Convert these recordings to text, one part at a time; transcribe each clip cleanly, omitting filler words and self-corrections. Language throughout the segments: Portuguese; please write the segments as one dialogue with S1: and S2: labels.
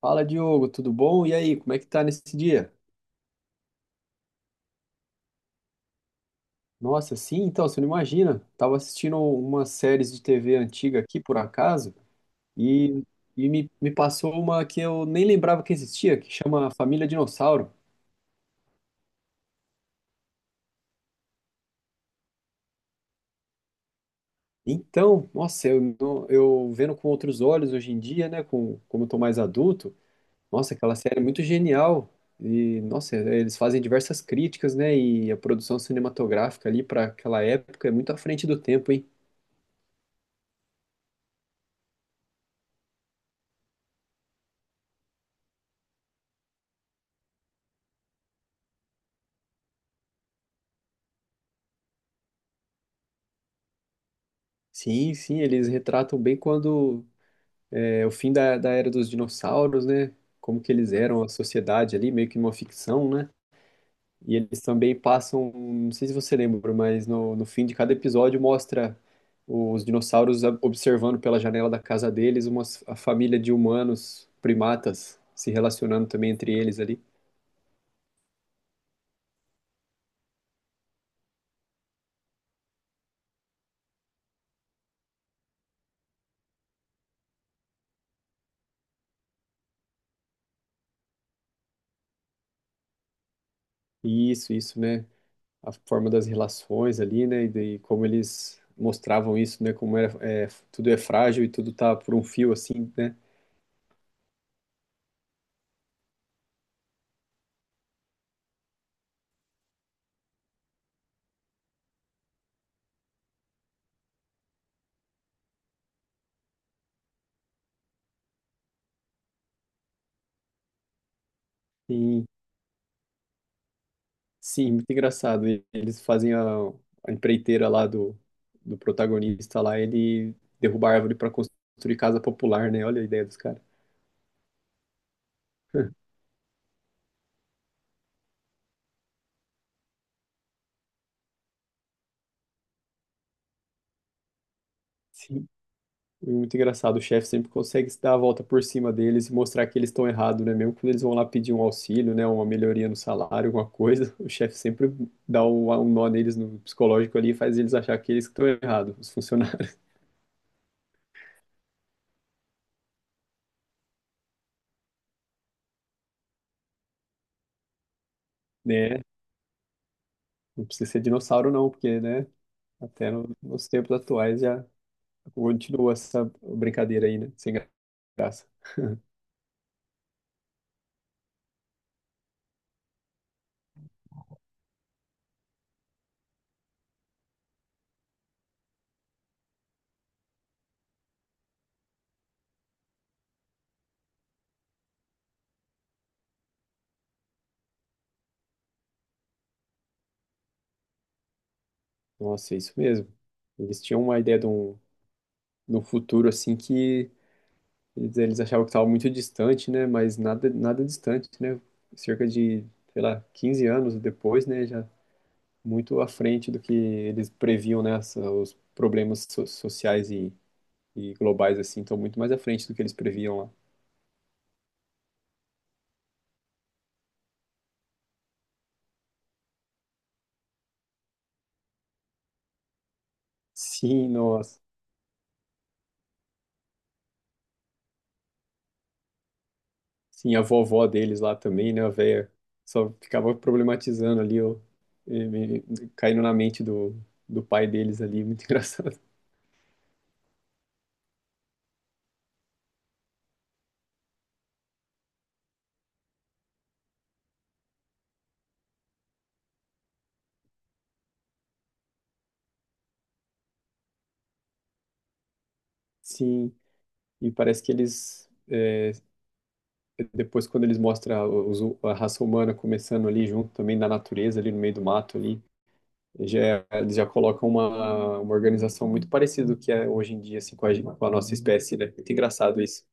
S1: Fala, Diogo, tudo bom? E aí, como é que tá nesse dia? Nossa, sim, então, você não imagina. Tava assistindo umas séries de TV antiga aqui, por acaso, e, me passou uma que eu nem lembrava que existia, que chama Família Dinossauro. Então, nossa, eu, não- eu vendo com outros olhos hoje em dia, né, como eu tô mais adulto, nossa, aquela série é muito genial. E, nossa, eles fazem diversas críticas, né, e a produção cinematográfica ali para aquela época é muito à frente do tempo, hein? Sim, sim, eles retratam bem quando é o fim da era dos dinossauros, né? Como que eles eram a sociedade ali, meio que uma ficção, né? E eles também passam, não sei se você lembra, mas no fim de cada episódio mostra os dinossauros observando pela janela da casa deles uma família de humanos, primatas, se relacionando também entre eles ali. Isso, né? A forma das relações ali, né? E daí como eles mostravam isso, né? Como era, é, tudo é frágil e tudo tá por um fio, assim, né? E, sim, muito engraçado. E eles fazem a empreiteira lá do, do protagonista lá, ele derruba a árvore para construir casa popular, né? Olha a ideia dos caras. Sim. E muito engraçado, o chefe sempre consegue se dar a volta por cima deles e mostrar que eles estão errados, né? Mesmo quando eles vão lá pedir um auxílio, né? Uma melhoria no salário, alguma coisa, o chefe sempre dá um nó neles no psicológico ali e faz eles achar que eles que estão errados, os funcionários, né? Não precisa ser dinossauro não, porque, né? Até nos tempos atuais já continua essa brincadeira aí, né? Sem graça. Nossa, é isso mesmo. Eles tinham uma ideia de um futuro assim que eles, achavam que estava muito distante, né? Mas nada, nada distante, né? Cerca de, sei lá, 15 anos depois, né? Já muito à frente do que eles previam, né? Os problemas sociais e globais, assim, estão muito mais à frente do que eles previam lá. Sim, nossa. Sim, a vovó deles lá também, né? A véia só ficava problematizando ali, ó, e me- caindo na mente do, do pai deles ali. Muito engraçado. Sim, e parece que eles depois quando eles mostram a raça humana começando ali junto também na natureza, ali no meio do mato ali, já, é, eles já colocam uma organização muito parecida do que é hoje em dia, assim, com a, com a nossa espécie, né? Muito engraçado isso.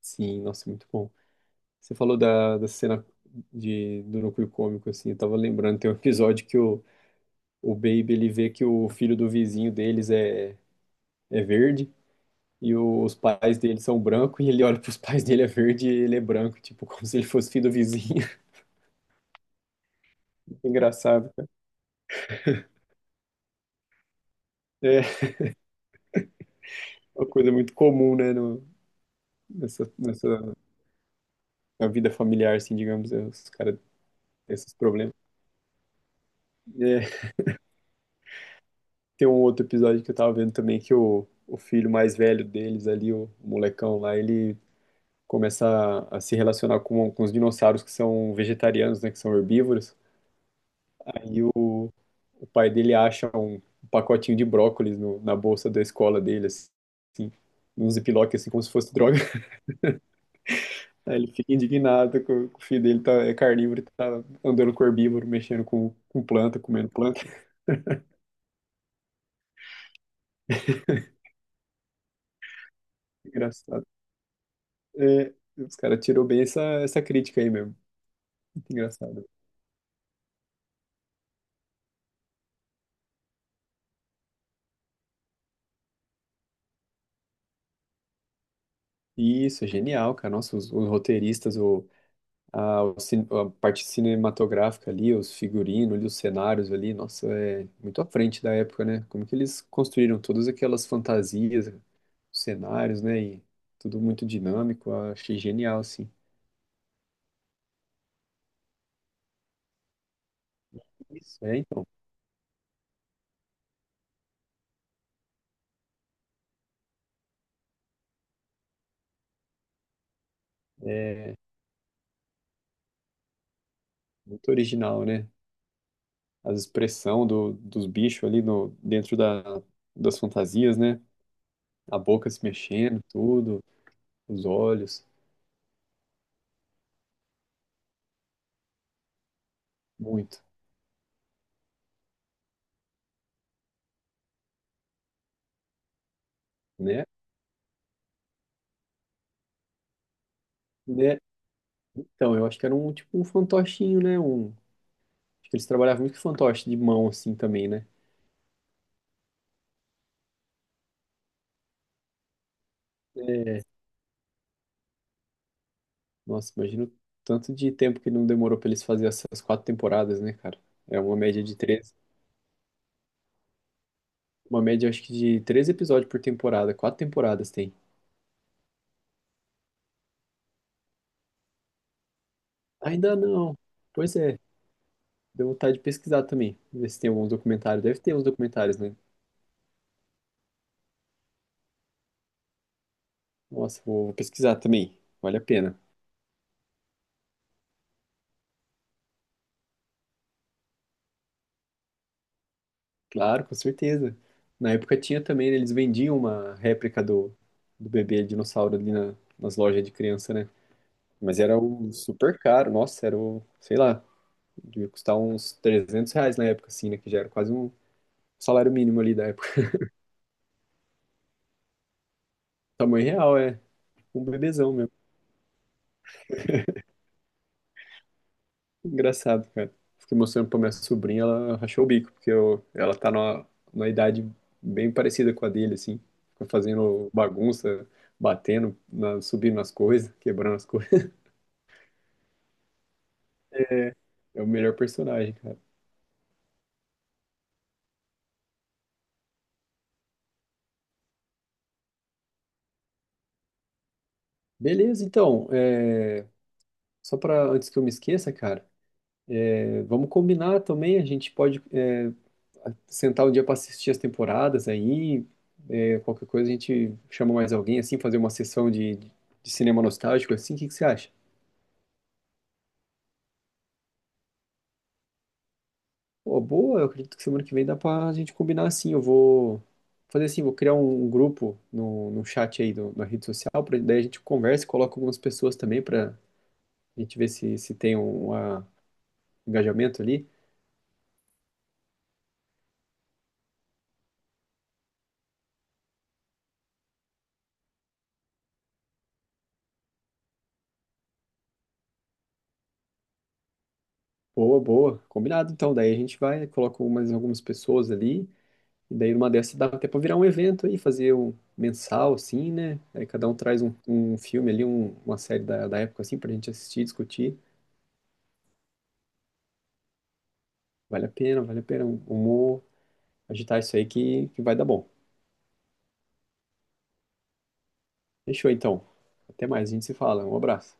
S1: Sim, nossa, muito bom. Você falou da, da cena de, do núcleo cômico, assim, eu tava lembrando, tem um episódio que o Baby, ele vê que o filho do vizinho deles é, é verde, e os pais dele são brancos, e ele olha pros pais dele é verde e ele é branco, tipo, como se ele fosse filho do vizinho. Engraçado. É uma coisa muito comum, né, no, nessa, nessa na vida familiar, assim, digamos, é, os caras têm esses problemas. É, tem um outro episódio que eu tava vendo também que o filho mais velho deles ali, o molecão lá, ele começa a se relacionar com os dinossauros que são vegetarianos, né, que são herbívoros. E o pai dele acha um, um pacotinho de brócolis na bolsa da escola dele, assim, num ziploc, assim, como se fosse droga. Aí ele fica indignado que o filho dele tá, é carnívoro, e tá andando com herbívoro, mexendo com planta, comendo planta. Engraçado. É, os caras tirou bem essa, essa crítica aí mesmo. Muito engraçado. Isso, é genial, cara. Nossa, os roteiristas, o, a, a parte cinematográfica ali, os figurinos ali, os cenários ali, nossa, é muito à frente da época, né? Como que eles construíram todas aquelas fantasias, cenários, né? E tudo muito dinâmico. Eu achei genial, assim. Isso, é, então. É, muito original, né? As expressão do, dos bichos ali no, dentro da, das fantasias, né? A boca se mexendo, tudo, os olhos, muito, né? Né? Então, eu acho que era um tipo um fantochinho, né? Um, acho que eles trabalhavam muito com fantoche de mão assim também, né? É, nossa, imagino o tanto de tempo que não demorou pra eles fazerem essas 4 temporadas, né, cara? É uma média de três, uma média acho que de 3 episódios por temporada, 4 temporadas tem. Ainda não. Pois é. Deu vontade de pesquisar também. Ver se tem alguns documentários. Deve ter uns documentários, né? Nossa, vou, vou pesquisar também. Vale a pena. Claro, com certeza. Na época tinha também, né, eles vendiam uma réplica do, do bebê dinossauro ali nas lojas de criança, né? Mas era o super caro. Nossa, era o, sei lá, devia custar uns R$ 300 na época, assim, né? Que já era quase um salário mínimo ali da época. Tamanho real, é. Um bebezão mesmo. Engraçado, cara. Fiquei mostrando pra minha sobrinha, ela rachou o bico, porque eu, ela tá numa, numa idade bem parecida com a dele, assim. Fica fazendo bagunça, batendo, subindo nas coisas, quebrando as coisas. É o melhor personagem, cara. Beleza, então, é, só pra antes que eu me esqueça, cara, é, vamos combinar também, a gente pode é, sentar um dia pra assistir as temporadas aí, é, qualquer coisa a gente chama mais alguém, assim, fazer uma sessão de cinema nostálgico, assim, o que que você acha? Pô, boa, eu acredito que semana que vem dá pra gente combinar assim. Eu vou fazer assim, vou criar um, um grupo no, no chat aí do, na rede social, pra, daí a gente conversa, coloca algumas pessoas também pra gente ver se, se tem um, ah, engajamento ali. Boa, boa, combinado. Então, daí a gente vai, coloca mais algumas pessoas ali, e daí numa dessas dá até pra virar um evento aí, fazer um mensal, assim, né? Aí cada um traz um, um filme ali, uma série da, da época, assim, pra gente assistir, discutir. Vale a pena, vale a pena. Vamos agitar isso aí que vai dar bom. Fechou então. Até mais, a gente se fala. Um abraço.